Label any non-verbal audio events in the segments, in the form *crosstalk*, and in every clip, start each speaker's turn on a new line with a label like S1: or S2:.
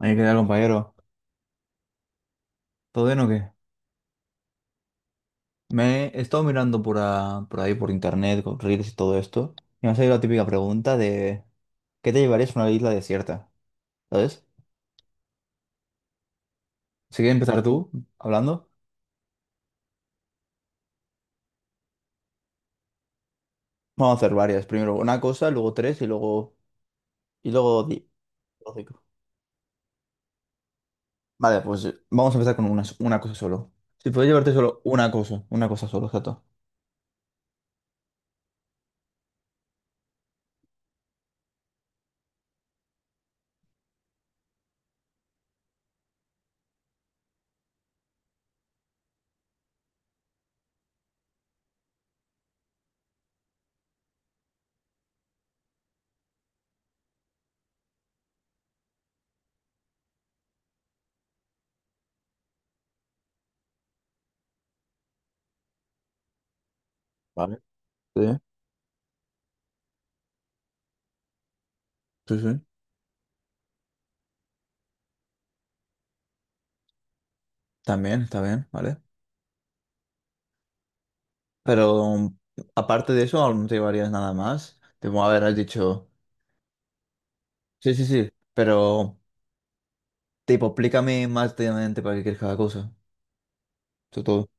S1: Hay que dar, compañero. ¿Todo bien o qué? Me he estado mirando por ahí, por internet, con reels y todo esto. Y me ha salido la típica pregunta de ¿qué te llevarías a una isla desierta? ¿Sabes? Si quieres empezar tú hablando, vamos a hacer varias. Primero una cosa, luego tres y luego y luego di- luego cinco. Vale, pues vamos a empezar con una cosa solo. Si puedes llevarte solo una cosa solo, exacto. Vale. Sí, sí, sí. También, está bien, ¿vale? Pero aparte de eso, aún no te llevarías nada más. Te a ver, has dicho. Sí, sí, sí, pero tipo, explícame más detalladamente para qué quieres cada cosa, sobre todo.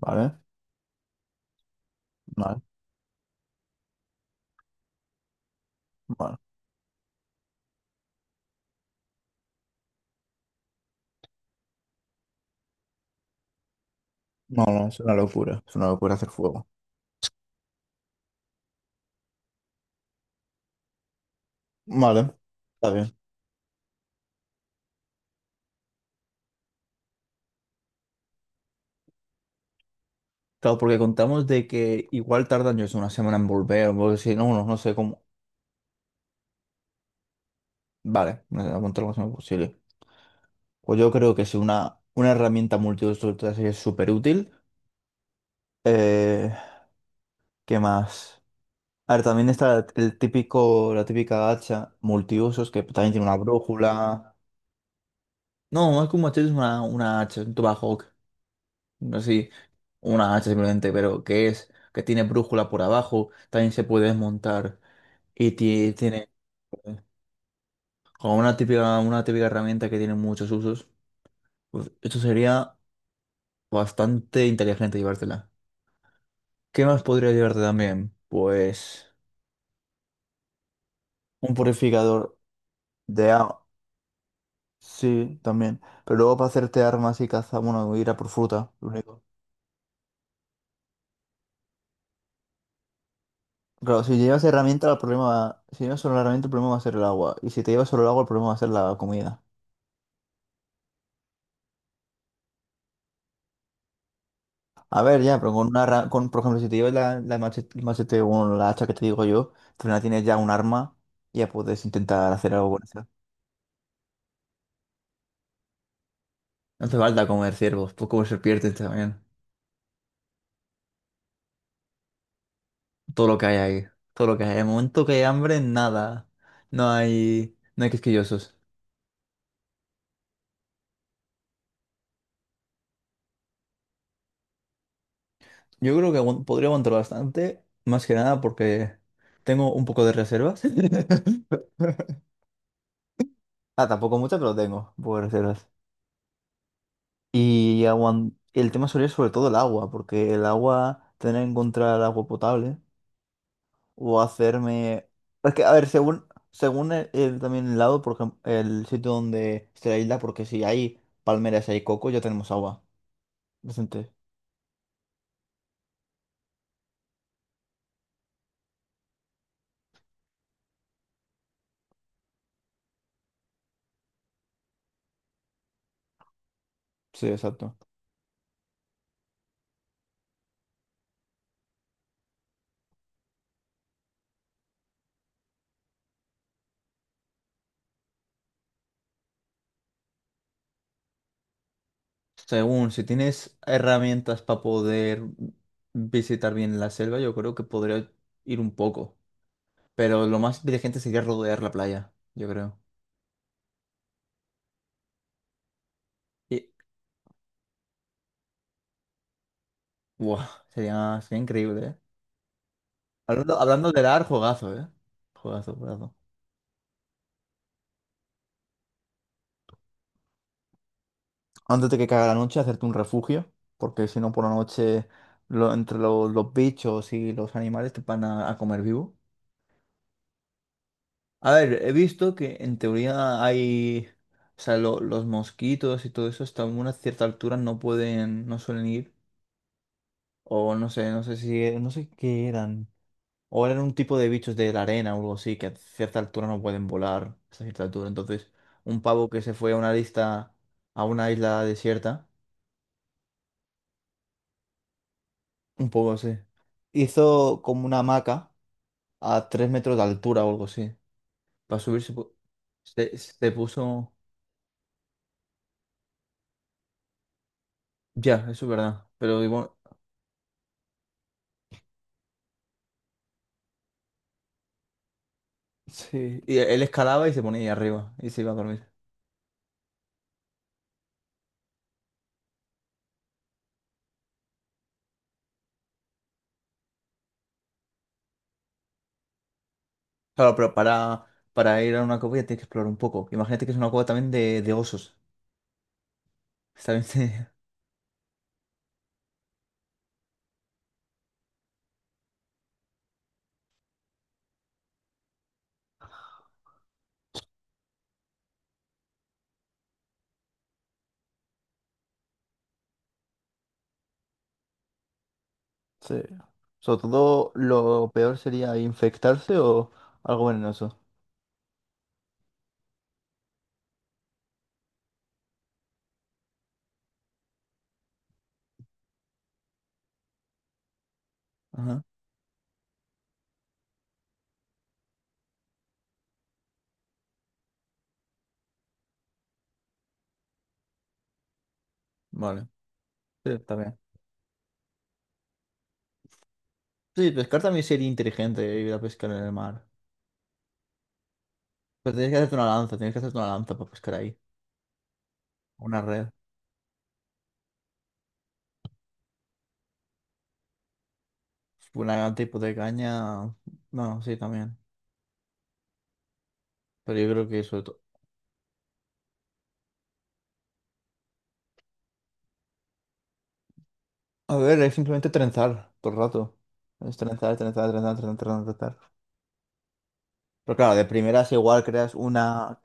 S1: Vale, vale, vale. No, no, es una locura. Es una locura hacer fuego. Vale, está bien. Claro, porque contamos de que igual tardan yo sé, una semana en volver, o si no, no, no sé cómo. Vale, no a aguantar lo más semana posible. Pues yo creo que si una herramienta multiuso así es súper útil. Eh, ¿Qué más? A ver, también está el típico, la típica hacha multiusos que también tiene una brújula. No, es que un machete es una hacha, es un tomahawk, así, una hacha simplemente, pero que es, que tiene brújula por abajo, también se puede desmontar tiene eh, como una típica herramienta que tiene muchos usos. Pues esto sería bastante inteligente llevártela. ¿Qué más podría llevarte también? Pues un purificador de agua. Sí, también. Pero luego para hacerte armas y caza, bueno, ir a por fruta, lo único. Claro, si llevas herramienta, el problema va... Si llevas solo la herramienta, el problema va a ser el agua. Y si te llevas solo el agua, el problema va a ser la comida. A ver, ya, pero con una... ra- Con, por ejemplo, si te llevas la machete, el machete o la hacha que te digo yo, al final tienes ya un arma y ya puedes intentar hacer algo con eso. No te falta comer ciervos, pues comer serpientes también. Todo lo que hay ahí. Todo lo que hay. En el momento que hay hambre, nada. No hay... No hay quisquillosos. Yo creo que podría aguantar bastante, más que nada porque tengo un poco de reservas. *laughs* Ah, tampoco mucha, pero tengo, por reservas. Y el tema sería sobre todo el agua, porque el agua, tener que encontrar agua potable o hacerme... Es que, a ver, según también el lado, por ejemplo, el sitio donde esté la isla, porque si hay palmeras y hay coco, ya tenemos agua. Decente. Sí, exacto. Según, si tienes herramientas para poder visitar bien la selva, yo creo que podría ir un poco. Pero lo más inteligente sería rodear la playa, yo creo. Buah, sería increíble, ¿eh? Hablando de dar, juegazo, ¿eh? Juegazo, juegazo. Antes de que caiga la noche, hacerte un refugio, porque si no, por la noche, entre los bichos y los animales te van a comer vivo. A ver, he visto que en teoría hay, o sea, los mosquitos y todo eso hasta una cierta altura no pueden, no suelen ir, o no sé, no sé si, no sé qué eran. O eran un tipo de bichos de la arena o algo así, que a cierta altura no pueden volar, hasta cierta altura. Entonces, un pavo que se fue a una lista, a una isla desierta, un poco así, hizo como una hamaca a 3 metros de altura o algo así. Para subirse se puso... Ya, eso es verdad. Pero igual, sí. Y él escalaba y se ponía ahí arriba y se iba a dormir. Claro, pero para ir a una cueva ya tienes que explorar un poco. Imagínate que es una cueva también de osos. Está bien. *laughs* Sí. Sobre todo lo peor sería infectarse o algo venenoso. Ajá. Vale. Sí, está bien. Sí, pescar también sería inteligente ir a pescar en el mar. Pero tienes que hacerte una lanza, tienes que hacerte una lanza para pescar ahí. Una red. Una tipo de caña. No sí, también. Pero yo creo que sobre todo. A ver, es simplemente trenzar todo el rato. Es trenzar, trenzar, trenzar, trenzar, trenzar. Trenzar. Pero claro, de primeras igual creas una.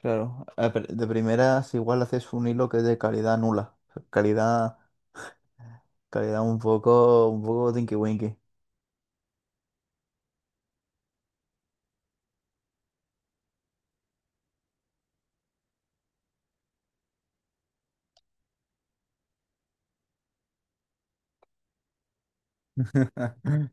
S1: Claro, de primeras igual haces un hilo que es de calidad nula, calidad, calidad un poco tinky winky. *laughs*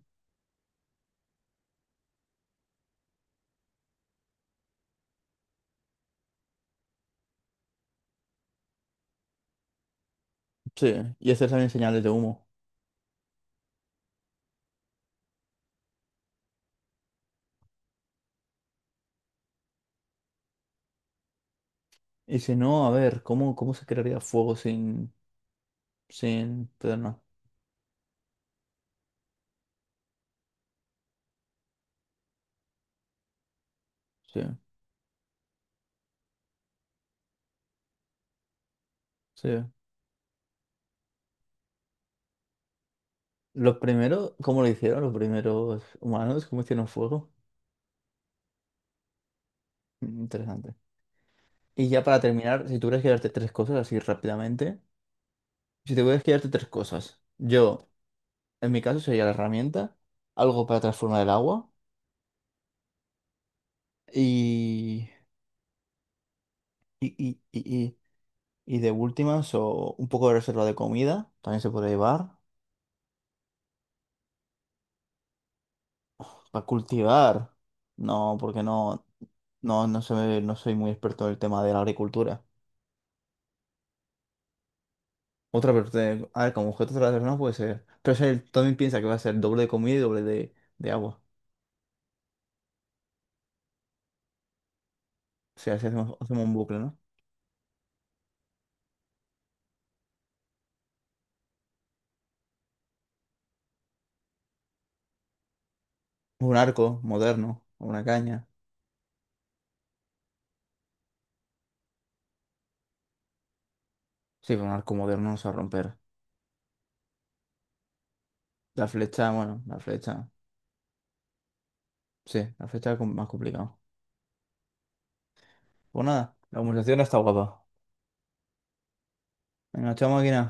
S1: Sí, y hacer también señales de humo. Y si no, a ver, ¿cómo se crearía fuego sin pederna? Sí, sí. Los primeros, ¿cómo lo hicieron los primeros humanos? ¿Cómo hicieron fuego? Mm. Interesante. Y ya para terminar, si tuvieras que darte tres cosas así rápidamente, si te tuvieras que darte tres cosas, yo. En mi caso sería la herramienta, algo para transformar el agua y, y, y, y, y- y de últimas o un poco de reserva de comida, también se puede llevar. Pues, para cultivar, no, porque no soy muy experto en el tema de la agricultura. Otra parte, a ver, como objeto no puede ser. Pero es también piensa que va a ser doble de comida y doble de agua. O sea, si hacemos un bucle, ¿no? Un arco moderno, una caña. Sí, pero un arco moderno no se va a romper. La flecha, bueno, la flecha. Sí, la fecha es más complicada. Pues nada, la conversación está guapa. Venga, chao máquina.